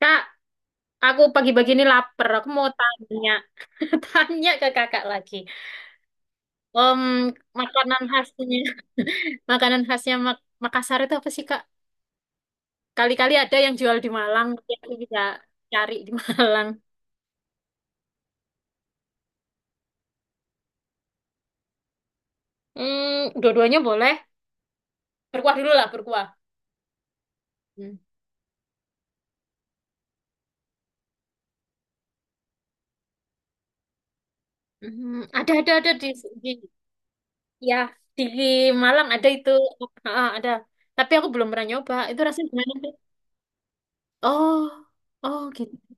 Kak, aku pagi-pagi ini lapar. Aku mau tanya, tanya ke kakak lagi. Em, makanan khasnya, makanan khasnya Makassar itu apa sih, Kak? Kali-kali ada yang jual di Malang, mungkin aku bisa cari di Malang. Hmm, dua-duanya boleh. Berkuah dulu lah, berkuah. Hmm. Hmm, ada, ada, ada di, di, ya, di Malang ada itu. Ah, ada. Tapi aku belum pernah nyoba. Itu rasanya gimana, Kak? Oh, oh gitu.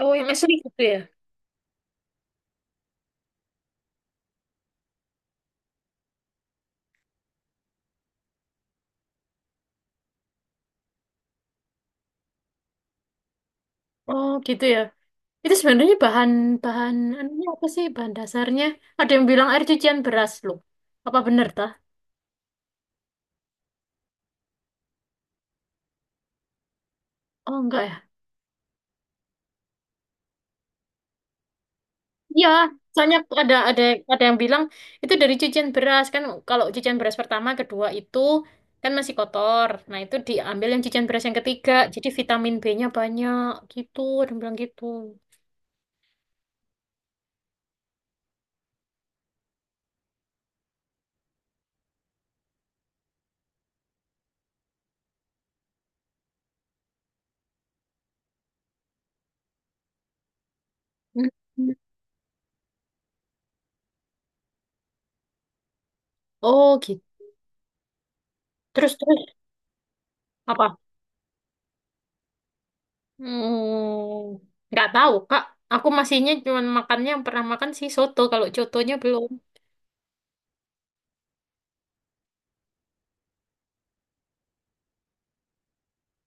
Oh, yang asli gitu ya? Oh, gitu ya. Itu sebenarnya bahan bahan anunya apa sih bahan dasarnya? Ada yang bilang air cucian beras loh. Apa bener tah? Oh enggak ya. Iya, soalnya ada yang bilang itu dari cucian beras kan kalau cucian beras pertama, kedua itu kan masih kotor. Nah, itu diambil yang cucian beras yang ketiga. Jadi vitamin B-nya banyak gitu, ada yang bilang gitu. Mm. Oh, gitu. Terus terus apa? Hmm, nggak tahu, Kak. Aku masihnya cuma makannya yang pernah makan sih soto. Kalau cotonya belum.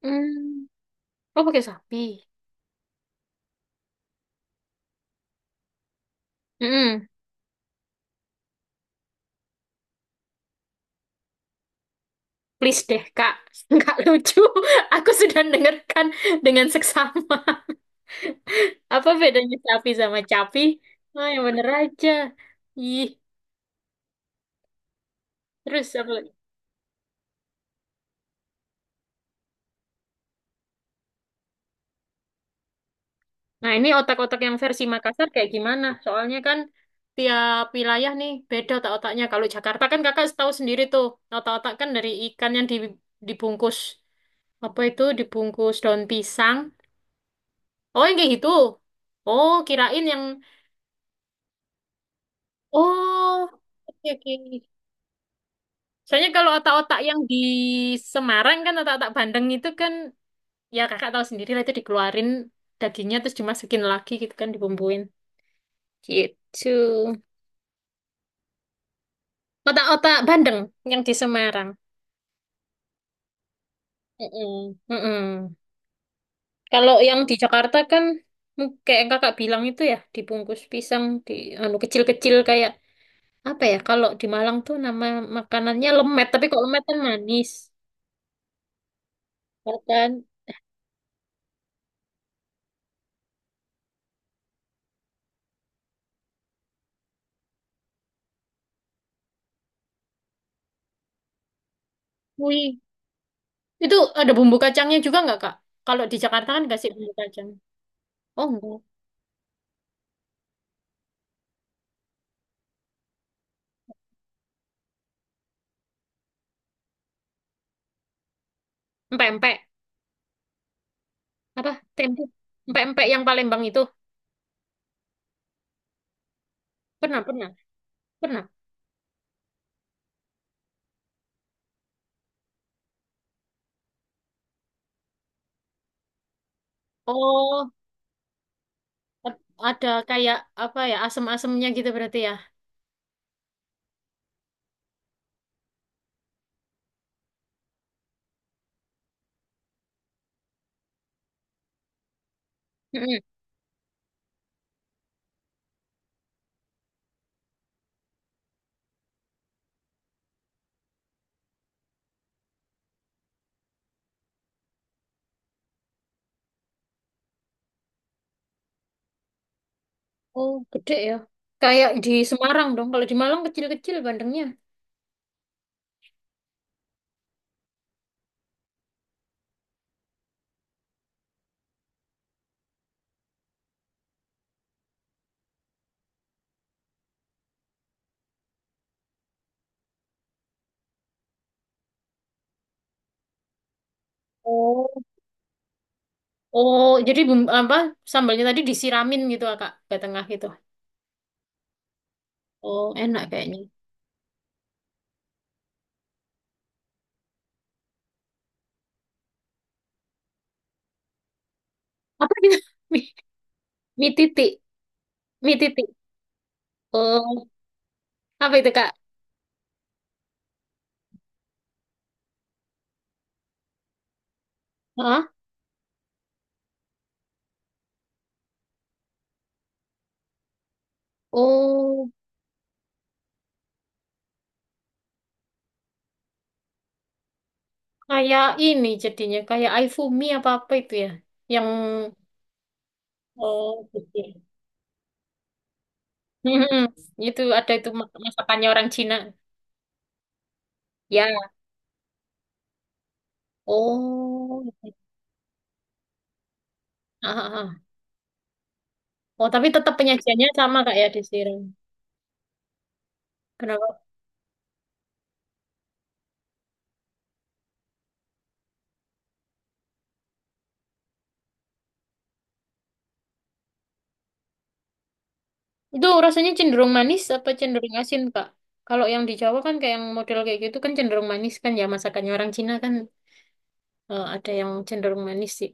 Hmm. Oh, pakai sapi. Mm-mm. Please deh, Kak. Nggak lucu. Aku sudah dengarkan dengan seksama. Apa bedanya sapi sama capi? Oh, yang bener aja. Ih, terus apa lagi? Nah, ini otak-otak yang versi Makassar kayak gimana? Soalnya kan tiap wilayah nih beda otak-otaknya. Kalau Jakarta kan kakak tahu sendiri tuh. Otak-otak kan dari ikan yang dibungkus. Apa itu? Dibungkus daun pisang. Oh, yang kayak gitu. Oh, kirain yang oh, oke oke. Soalnya kalau otak-otak yang di Semarang kan otak-otak bandeng itu kan ya kakak tahu sendiri lah itu dikeluarin dagingnya terus dimasukin lagi gitu kan dibumbuin. Gitu. Otak-otak bandeng yang di Semarang. Mm-mm, mm-mm. Kalau yang di Jakarta kan kayak yang kakak bilang itu ya dibungkus pisang di anu kecil-kecil kayak apa ya kalau di Malang tuh nama makanannya lemet tapi kok lemet kan manis. Ya kan? Wih. Itu ada bumbu kacangnya juga nggak, Kak? Kalau di Jakarta kan kasih bumbu kacang. Oh, enggak. Empek-empek. Apa? Tempe. Empek-empek yang Palembang itu. Pernah, pernah. Pernah. Oh, a- ada kayak apa ya, asem-asemnya gitu berarti ya. Mm-mm. Oh, gede ya. Kayak di Semarang dong. Kalau di Malang kecil-kecil bandengnya. Oh. Oh, jadi bumbu, apa sambalnya tadi disiramin gitu, ah, Kak, ke tengah gitu. Oh, enak kayaknya. Apa gitu? Mie, mie titik. Mie titik. Oh, apa itu, Kak? Hah? Oh, kayak ini jadinya kayak iFumi apa apa itu ya, yang oh gitu. Hmm, itu ada itu masakannya orang Cina. Ya. Oh. Ah, ah, ah. Oh, tapi tetap penyajiannya sama kak ya di sini. Kenapa? Itu rasanya cenderung manis atau cenderung asin kak? Kalau yang di Jawa kan kayak yang model kayak gitu kan cenderung manis kan ya masakannya orang Cina kan ada yang cenderung manis sih.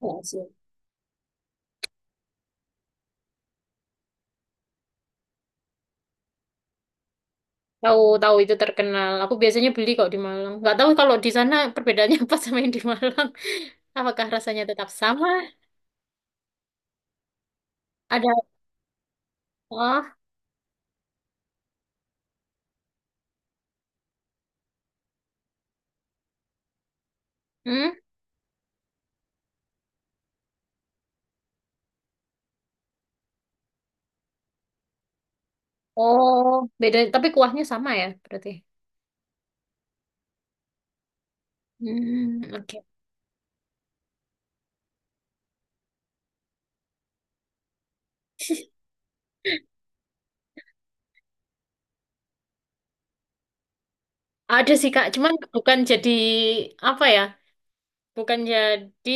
Oh, asin. Tahu tahu itu terkenal. Aku biasanya beli kok di Malang. Nggak tahu kalau di sana perbedaannya apa sama yang di Malang. Apakah rasanya tetap sama? Ada oh, hmm? Oh, beda. Tapi kuahnya sama ya berarti. Hmm, oke. Ada sih Kak, cuman bukan jadi apa ya? Bukan jadi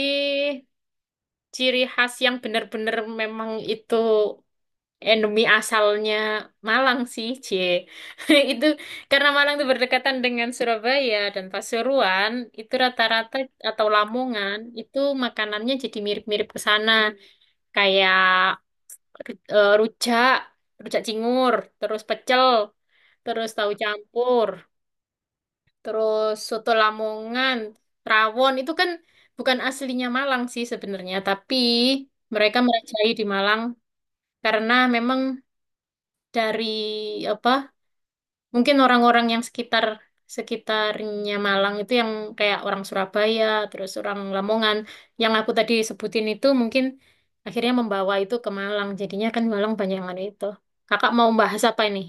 ciri khas yang benar-benar memang itu endemi asalnya Malang sih, C. Itu karena Malang itu berdekatan dengan Surabaya dan Pasuruan, itu rata-rata atau Lamongan itu makanannya jadi mirip-mirip ke sana. Kayak rujak, rujak cingur, terus pecel, terus tahu campur, terus soto Lamongan, rawon itu kan bukan aslinya Malang sih sebenarnya, tapi mereka merajai di Malang karena memang dari apa mungkin orang-orang yang sekitarnya Malang itu yang kayak orang Surabaya, terus orang Lamongan, yang aku tadi sebutin itu mungkin akhirnya membawa itu ke Malang. Jadinya kan Malang banyak yang ada itu. Kakak mau bahas apa ini?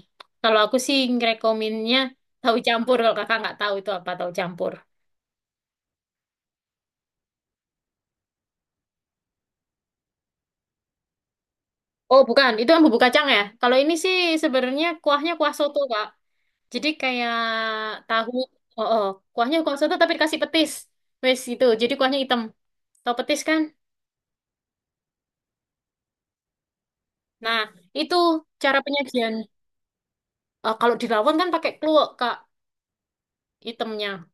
Kalau aku sih ngerekominnya tahu campur. Kalau kakak nggak tahu itu apa tahu campur. Oh, bukan. Itu yang bubuk kacang ya. Kalau ini sih sebenarnya kuahnya kuah soto, Kak. Jadi kayak tahu. Oh, oh. Kuahnya kuah soto tapi dikasih petis. Wes gitu. Jadi kuahnya hitam. Tahu petis kan? Nah, itu cara penyajian. Eh, kalau di rawon kan pakai kluwek, Kak, hitamnya.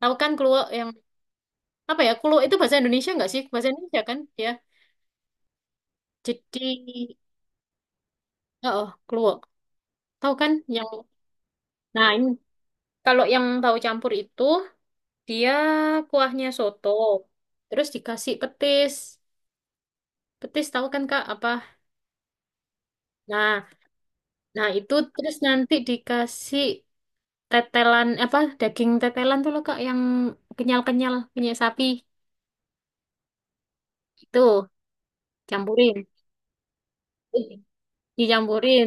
Tahu kan kluwek yang apa ya? Kluwek itu bahasa Indonesia nggak sih? Bahasa Indonesia kan, ya. Jadi, oh, oh, kluwek. Tahu kan yang nah, ini kalau yang tahu campur itu dia kuahnya soto, terus dikasih petis. Petis tahu kan Kak apa? Nah, nah itu terus nanti dikasih tetelan apa daging tetelan tuh loh Kak yang kenyal-kenyal punya sapi itu campurin. Dicampurin.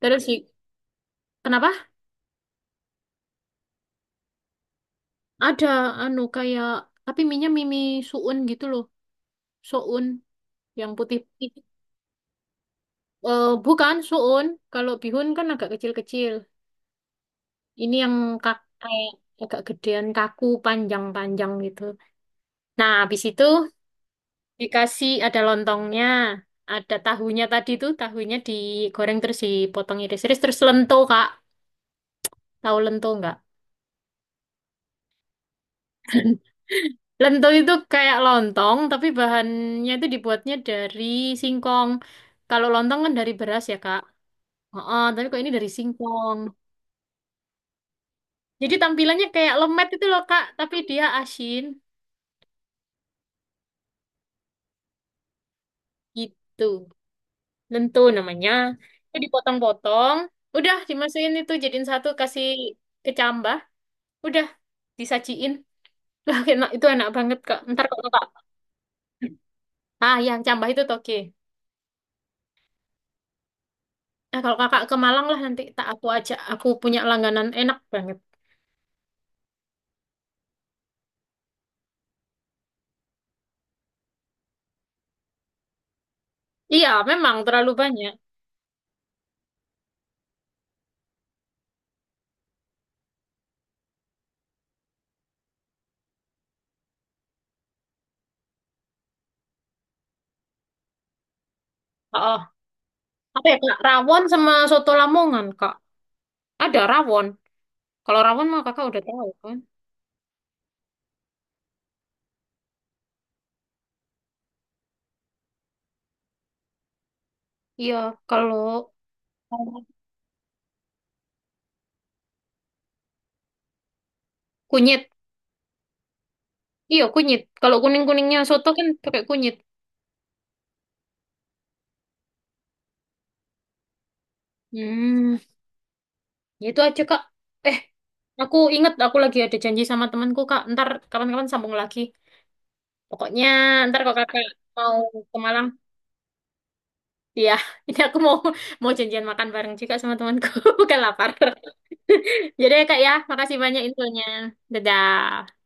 Terus di, kenapa? Ada anu kayak tapi minyak mimi suun gitu loh. Suun yang putih-putih. Eh bukan suun, kalau bihun kan agak kecil-kecil. Ini yang kak kayak agak gedean kaku panjang-panjang gitu. Nah, habis itu dikasih ada lontongnya, ada tahunya tadi tuh, tahunya digoreng terus dipotong iris-iris terus lento, Kak. Tahu lento nggak? Lento itu kayak lontong tapi bahannya itu dibuatnya dari singkong. Kalau lontong kan dari beras ya, Kak. Heeh, tapi kok ini dari singkong. Jadi tampilannya kayak lemet itu loh, Kak, tapi dia asin gitu. Lentur namanya. Itu dipotong-potong, udah dimasukin itu jadiin satu kasih kecambah, udah disajiin. Lah enak itu enak banget Kak. Ntar kalau Kakak ah yang cambah itu toge. Nah, kalau Kakak ke Malang lah nanti tak aku ajak. Aku punya langganan enak banget. Iya, memang terlalu banyak. Oh, apa ya Kak? Rawon sama soto Lamongan Kak. Ada rawon. Kalau rawon mah Kakak udah tahu kan? Iya, kalau kunyit. Iya, kunyit. Kalau kuning-kuningnya soto kan pakai kunyit. Hmm. Ya Itu aja, Kak. Eh, aku inget aku lagi ada janji sama temanku, Kak. Ntar kapan-kapan sambung lagi. Pokoknya ntar kalau Kakak mau ke Malang, iya. Ini aku mau mau janjian makan bareng juga sama temanku. Bukan lapar. Jadi ya, Kak ya, makasih banyak infonya. Dadah.